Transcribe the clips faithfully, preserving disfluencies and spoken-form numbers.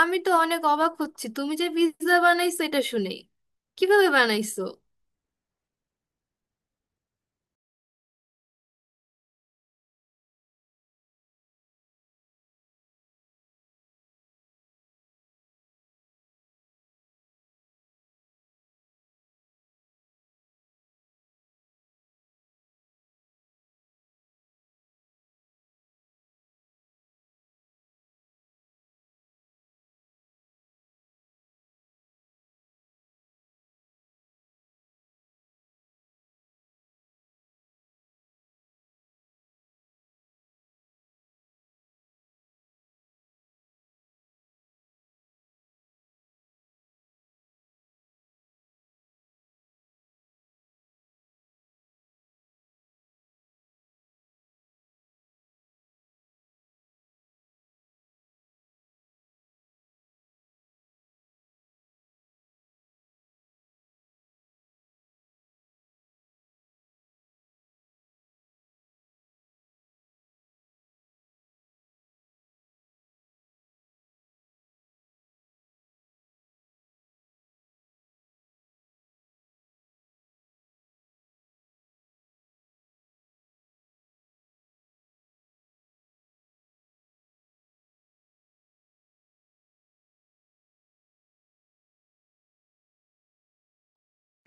আমি তো অনেক অবাক হচ্ছি তুমি যে পিৎজা বানাইছো এটা শুনে। কিভাবে বানাইছো?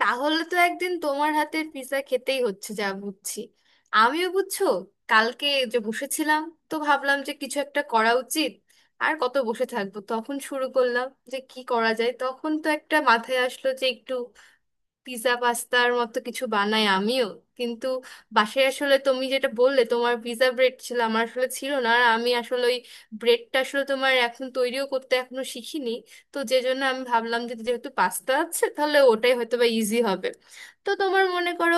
তাহলে তো একদিন তোমার হাতের পিৎজা খেতেই হচ্ছে যা বুঝছি। আমিও বুঝছো, কালকে যে বসেছিলাম, তো ভাবলাম যে কিছু একটা করা উচিত। আর কত বসে থাকবো, তখন শুরু করলাম যে কি করা যায়। তখন তো একটা মাথায় আসলো যে একটু পিৎজা পাস্তার মতো কিছু বানাই আমিও। কিন্তু বাসায় আসলে তুমি যেটা বললে তোমার পিৎজা ব্রেড ছিল, আমার আসলে ছিল না। আর আমি আসলে ওই ব্রেডটা আসলে তোমার এখন তৈরিও করতে এখনো শিখিনি। তো যে জন্য আমি ভাবলাম যে যেহেতু পাস্তা আছে তাহলে ওটাই হয়তো বা ইজি হবে। তো তোমার মনে করো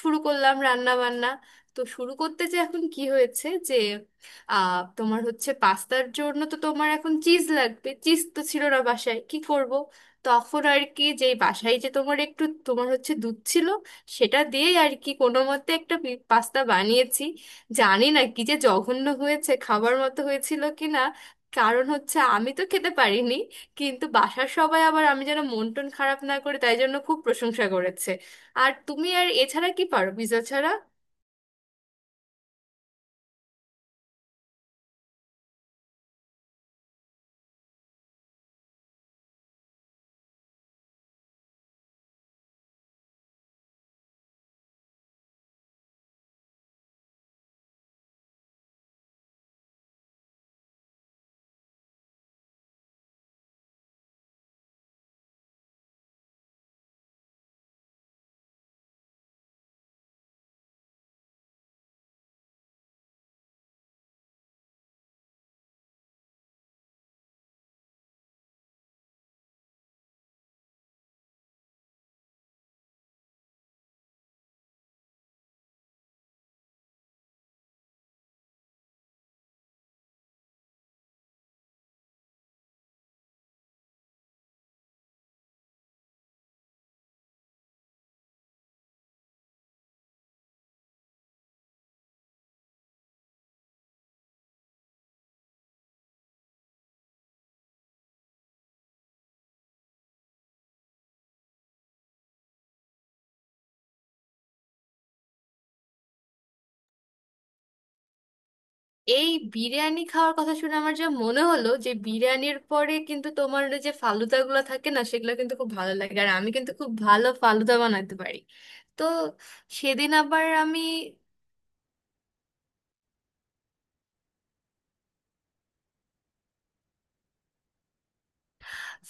শুরু করলাম রান্না বান্না। তো শুরু করতে যে এখন কি হয়েছে যে আহ তোমার হচ্ছে পাস্তার জন্য তো তোমার এখন চিজ লাগবে। চিজ তো ছিল না বাসায়, কি করব? তখন আর কি, যে বাসায় যে তোমার একটু তোমার হচ্ছে দুধ ছিল, সেটা দিয়েই আর কি কোনো মতে একটা পি- পাস্তা বানিয়েছি। জানি না কি যে জঘন্য হয়েছে, খাবার মতো হয়েছিল কি না, কারণ হচ্ছে আমি তো খেতে পারিনি। কিন্তু বাসার সবাই আবার আমি যেন মন টন খারাপ না করে তাই জন্য খুব প্রশংসা করেছে। আর তুমি আর এছাড়া কি পারো পিৎজা ছাড়া? এই বিরিয়ানি খাওয়ার কথা শুনে আমার যা মনে হলো যে বিরিয়ানির পরে কিন্তু তোমার ওই যে ফালুদা গুলো থাকে না সেগুলো কিন্তু খুব ভালো লাগে, আর আমি কিন্তু খুব ভালো ফালুদা বানাতে পারি। তো সেদিন আবার আমি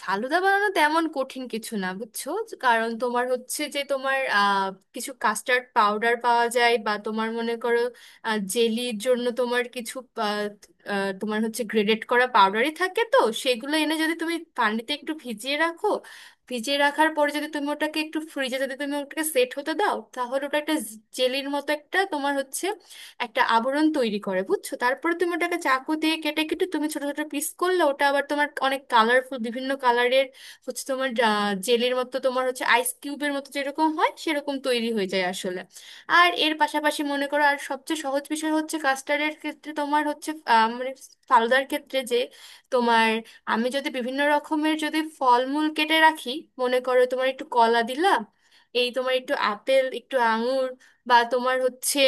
ফালুদা বানানো তেমন কঠিন কিছু না বুঝছো। কারণ তোমার হচ্ছে যে তোমার আহ, কিছু কাস্টার্ড পাউডার পাওয়া যায় বা তোমার মনে করো জেলির জন্য তোমার কিছু আহ, আহ, তোমার হচ্ছে গ্রেডেড করা পাউডারই থাকে। তো সেগুলো এনে যদি তুমি পানিতে একটু ভিজিয়ে রাখো, ভিজিয়ে রাখার পরে যদি তুমি ওটাকে একটু ফ্রিজে যদি তুমি ওটাকে সেট হতে দাও তাহলে ওটা একটা জেলির মতো একটা তোমার হচ্ছে একটা আবরণ তৈরি করে বুঝছো। তারপরে তুমি ওটাকে চাকু দিয়ে কেটে কেটে তুমি ছোট ছোট পিস করলে ওটা আবার তোমার অনেক কালারফুল বিভিন্ন কালারের হচ্ছে তোমার জেলের মতো তোমার হচ্ছে আইস কিউবের মতো যেরকম হয় সেরকম তৈরি হয়ে যায় আসলে। আর এর পাশাপাশি মনে করো আর সবচেয়ে সহজ বিষয় হচ্ছে কাস্টার্ডের ক্ষেত্রে তোমার হচ্ছে আহ, মানে ফালুদার ক্ষেত্রে যে তোমার আমি যদি বিভিন্ন রকমের যদি ফলমূল কেটে রাখি, মনে করো তোমার একটু কলা দিলাম, এই তোমার একটু আপেল একটু আঙুর, বা তোমার হচ্ছে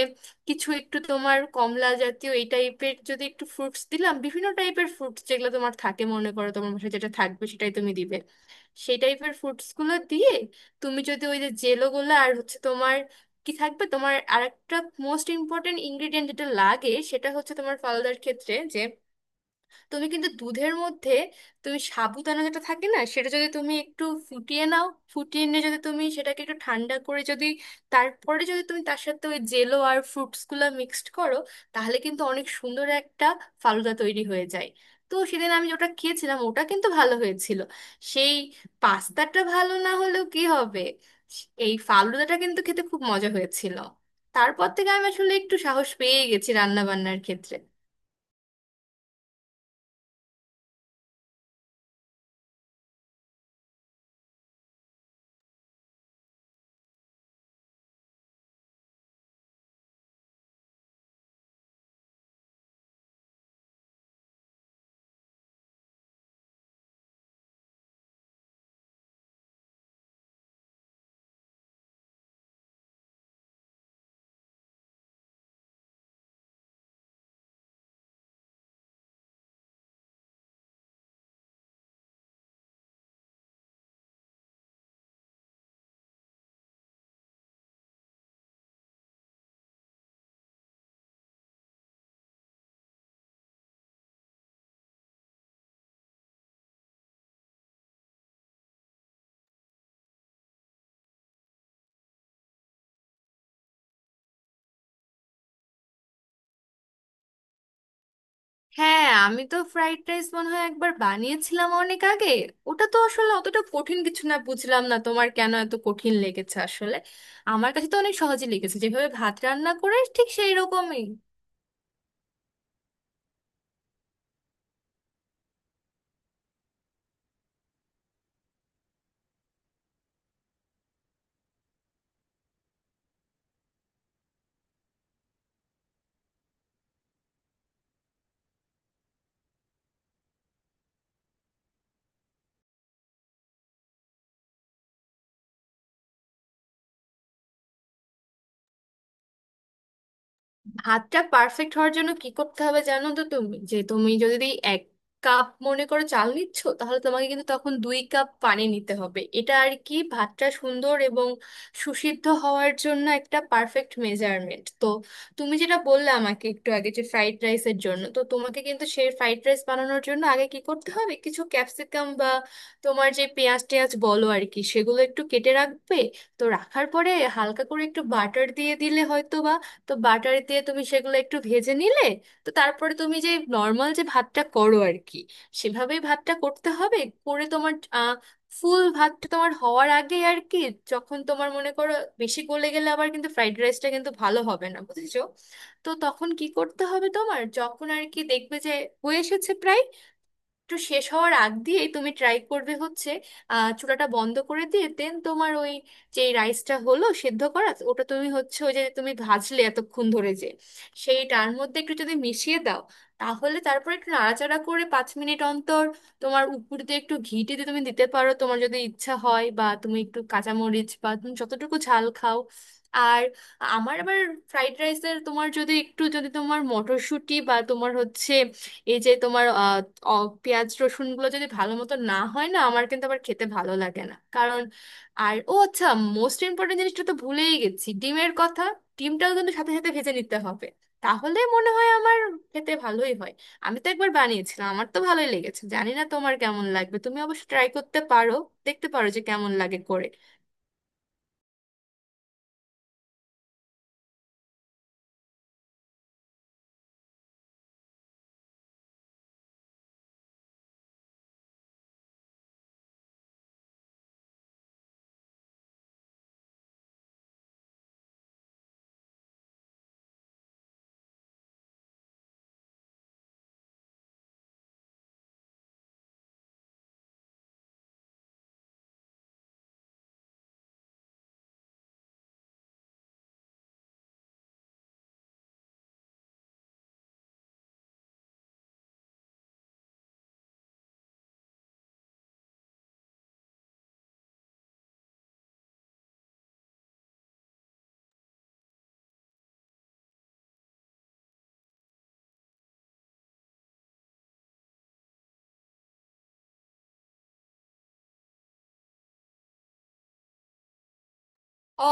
কিছু একটু তোমার কমলা জাতীয় এই টাইপের যদি একটু ফ্রুটস দিলাম, বিভিন্ন টাইপের ফ্রুটস যেগুলো তোমার থাকে মনে করো তোমার বাসায় যেটা থাকবে সেটাই তুমি দিবে। সেই টাইপের ফ্রুটস গুলো দিয়ে তুমি যদি ওই যে জেলো গুলো আর হচ্ছে তোমার কি থাকবে তোমার আরেকটা মোস্ট ইম্পর্টেন্ট ইনগ্রিডিয়েন্ট যেটা লাগে সেটা হচ্ছে তোমার ফালুদার ক্ষেত্রে তুমি কিন্তু দুধের মধ্যে তুমি সাবুদানা যেটা থাকে না সেটা যদি তুমি একটু ফুটিয়ে নাও, ফুটিয়ে নিয়ে যদি তুমি সেটাকে একটু ঠান্ডা করে যদি তারপরে যদি তুমি তার সাথে ওই জেলো আর ফ্রুটসগুলো মিক্সড করো তাহলে কিন্তু অনেক সুন্দর একটা ফালুদা তৈরি হয়ে যায়। তো সেদিন আমি ওটা খেয়েছিলাম, ওটা কিন্তু ভালো হয়েছিল। সেই পাস্তাটা ভালো না হলেও কি হবে, এই ফালুদাটা কিন্তু খেতে খুব মজা হয়েছিল। তারপর থেকে আমি আসলে একটু সাহস পেয়ে গেছি রান্না বান্নার ক্ষেত্রে। হ্যাঁ, আমি তো ফ্রাইড রাইস মনে হয় একবার বানিয়েছিলাম অনেক আগে। ওটা তো আসলে অতটা কঠিন কিছু না, বুঝলাম না তোমার কেন এত কঠিন লেগেছে আসলে। আমার কাছে তো অনেক সহজে লেগেছে, যেভাবে ভাত রান্না করে ঠিক সেই রকমই। ভাতটা পারফেক্ট হওয়ার জন্য কি করতে হবে জানো তো, তুমি যে তুমি যদি এক কাপ মনে করো চাল নিচ্ছ তাহলে তোমাকে কিন্তু তখন দুই কাপ পানি নিতে হবে, এটা আর কি ভাতটা সুন্দর এবং সুসিদ্ধ হওয়ার জন্য একটা পারফেক্ট মেজারমেন্ট। তো তুমি যেটা বললে আমাকে একটু আগে যে ফ্রাইড রাইসের জন্য, তো তোমাকে কিন্তু সেই ফ্রাইড রাইস বানানোর জন্য আগে কি করতে হবে, কিছু ক্যাপসিকাম বা তোমার যে পেঁয়াজ টেয়াজ বলো আর কি সেগুলো একটু কেটে রাখবে। তো রাখার পরে হালকা করে একটু বাটার দিয়ে দিলে হয়তো, তো বাটার দিয়ে তুমি সেগুলো একটু ভেজে নিলে, তো তারপরে তুমি যে নর্মাল যে ভাতটা করো আর কি সেভাবেই ভাতটা করতে হবে। করে তোমার আহ, ফুল ভাতটা তোমার হওয়ার আগে আর কি, যখন তোমার মনে করো বেশি গলে গেলে আবার কিন্তু ফ্রাইড রাইসটা কিন্তু ভালো হবে না বুঝেছো। তো তখন কি করতে হবে তোমার, যখন আর কি দেখবে যে হয়ে এসেছে প্রায়, একটু শেষ হওয়ার আগ দিয়েই তুমি ট্রাই করবে হচ্ছে আহ, চুলাটা বন্ধ করে দিয়ে দেন তোমার ওই যে রাইসটা হলো সেদ্ধ করা, ওটা তুমি হচ্ছে ওই যে তুমি ভাজলে এতক্ষণ ধরে যে সেইটার মধ্যে একটু যদি মিশিয়ে দাও, তাহলে তারপরে একটু নাড়াচাড়া করে পাঁচ মিনিট অন্তর তোমার উপর দিয়ে একটু ঘিটে দিয়ে তুমি দিতে পারো তোমার যদি ইচ্ছা হয়, বা তুমি একটু কাঁচামরিচ বা তুমি যতটুকু ঝাল খাও। আর আমার আবার ফ্রাইড রাইসের তোমার যদি একটু যদি তোমার মটরশুঁটি বা তোমার হচ্ছে এই যে তোমার আহ, অ- পেঁয়াজ রসুন গুলো যদি ভালো মতো না হয় না আমার কিন্তু আবার খেতে ভালো লাগে না কারণ আর ও আচ্ছা মোস্ট ইম্পর্টেন্ট জিনিসটা তো ভুলেই গেছি, ডিমের কথা। ডিমটাও কিন্তু সাথে সাথে ভেজে নিতে হবে, তাহলে মনে হয় আমার খেতে ভালোই হয়। আমি তো একবার বানিয়েছিলাম, আমার তো ভালোই লেগেছে, জানি না তোমার কেমন লাগবে, তুমি অবশ্য ট্রাই করতে পারো, দেখতে পারো যে কেমন লাগে করে।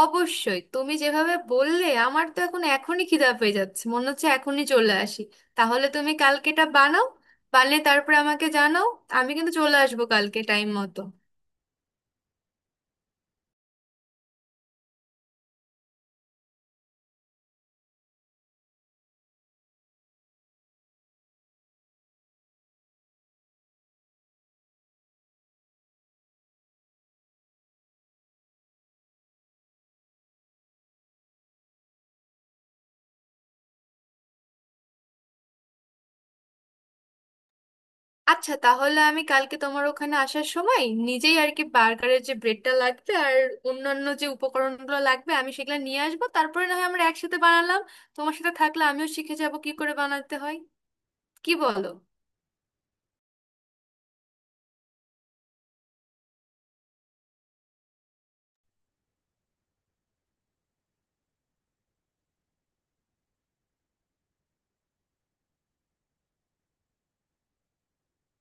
অবশ্যই তুমি যেভাবে বললে আমার তো এখন এখনই খিদা পেয়ে যাচ্ছে, মনে হচ্ছে এখনই চলে আসি। তাহলে তুমি কালকেটা বানাও, বানিয়ে তারপরে আমাকে জানাও, আমি কিন্তু চলে আসবো কালকে টাইম মতো। আচ্ছা, তাহলে আমি কালকে তোমার ওখানে আসার সময় নিজেই আর কি বার্গারের যে ব্রেডটা লাগবে আর অন্যান্য যে উপকরণগুলো লাগবে আমি সেগুলো নিয়ে আসবো, তারপরে না হয় আমরা একসাথে বানালাম। তোমার সাথে থাকলে আমিও শিখে যাবো কি করে বানাতে হয়। কি বলো?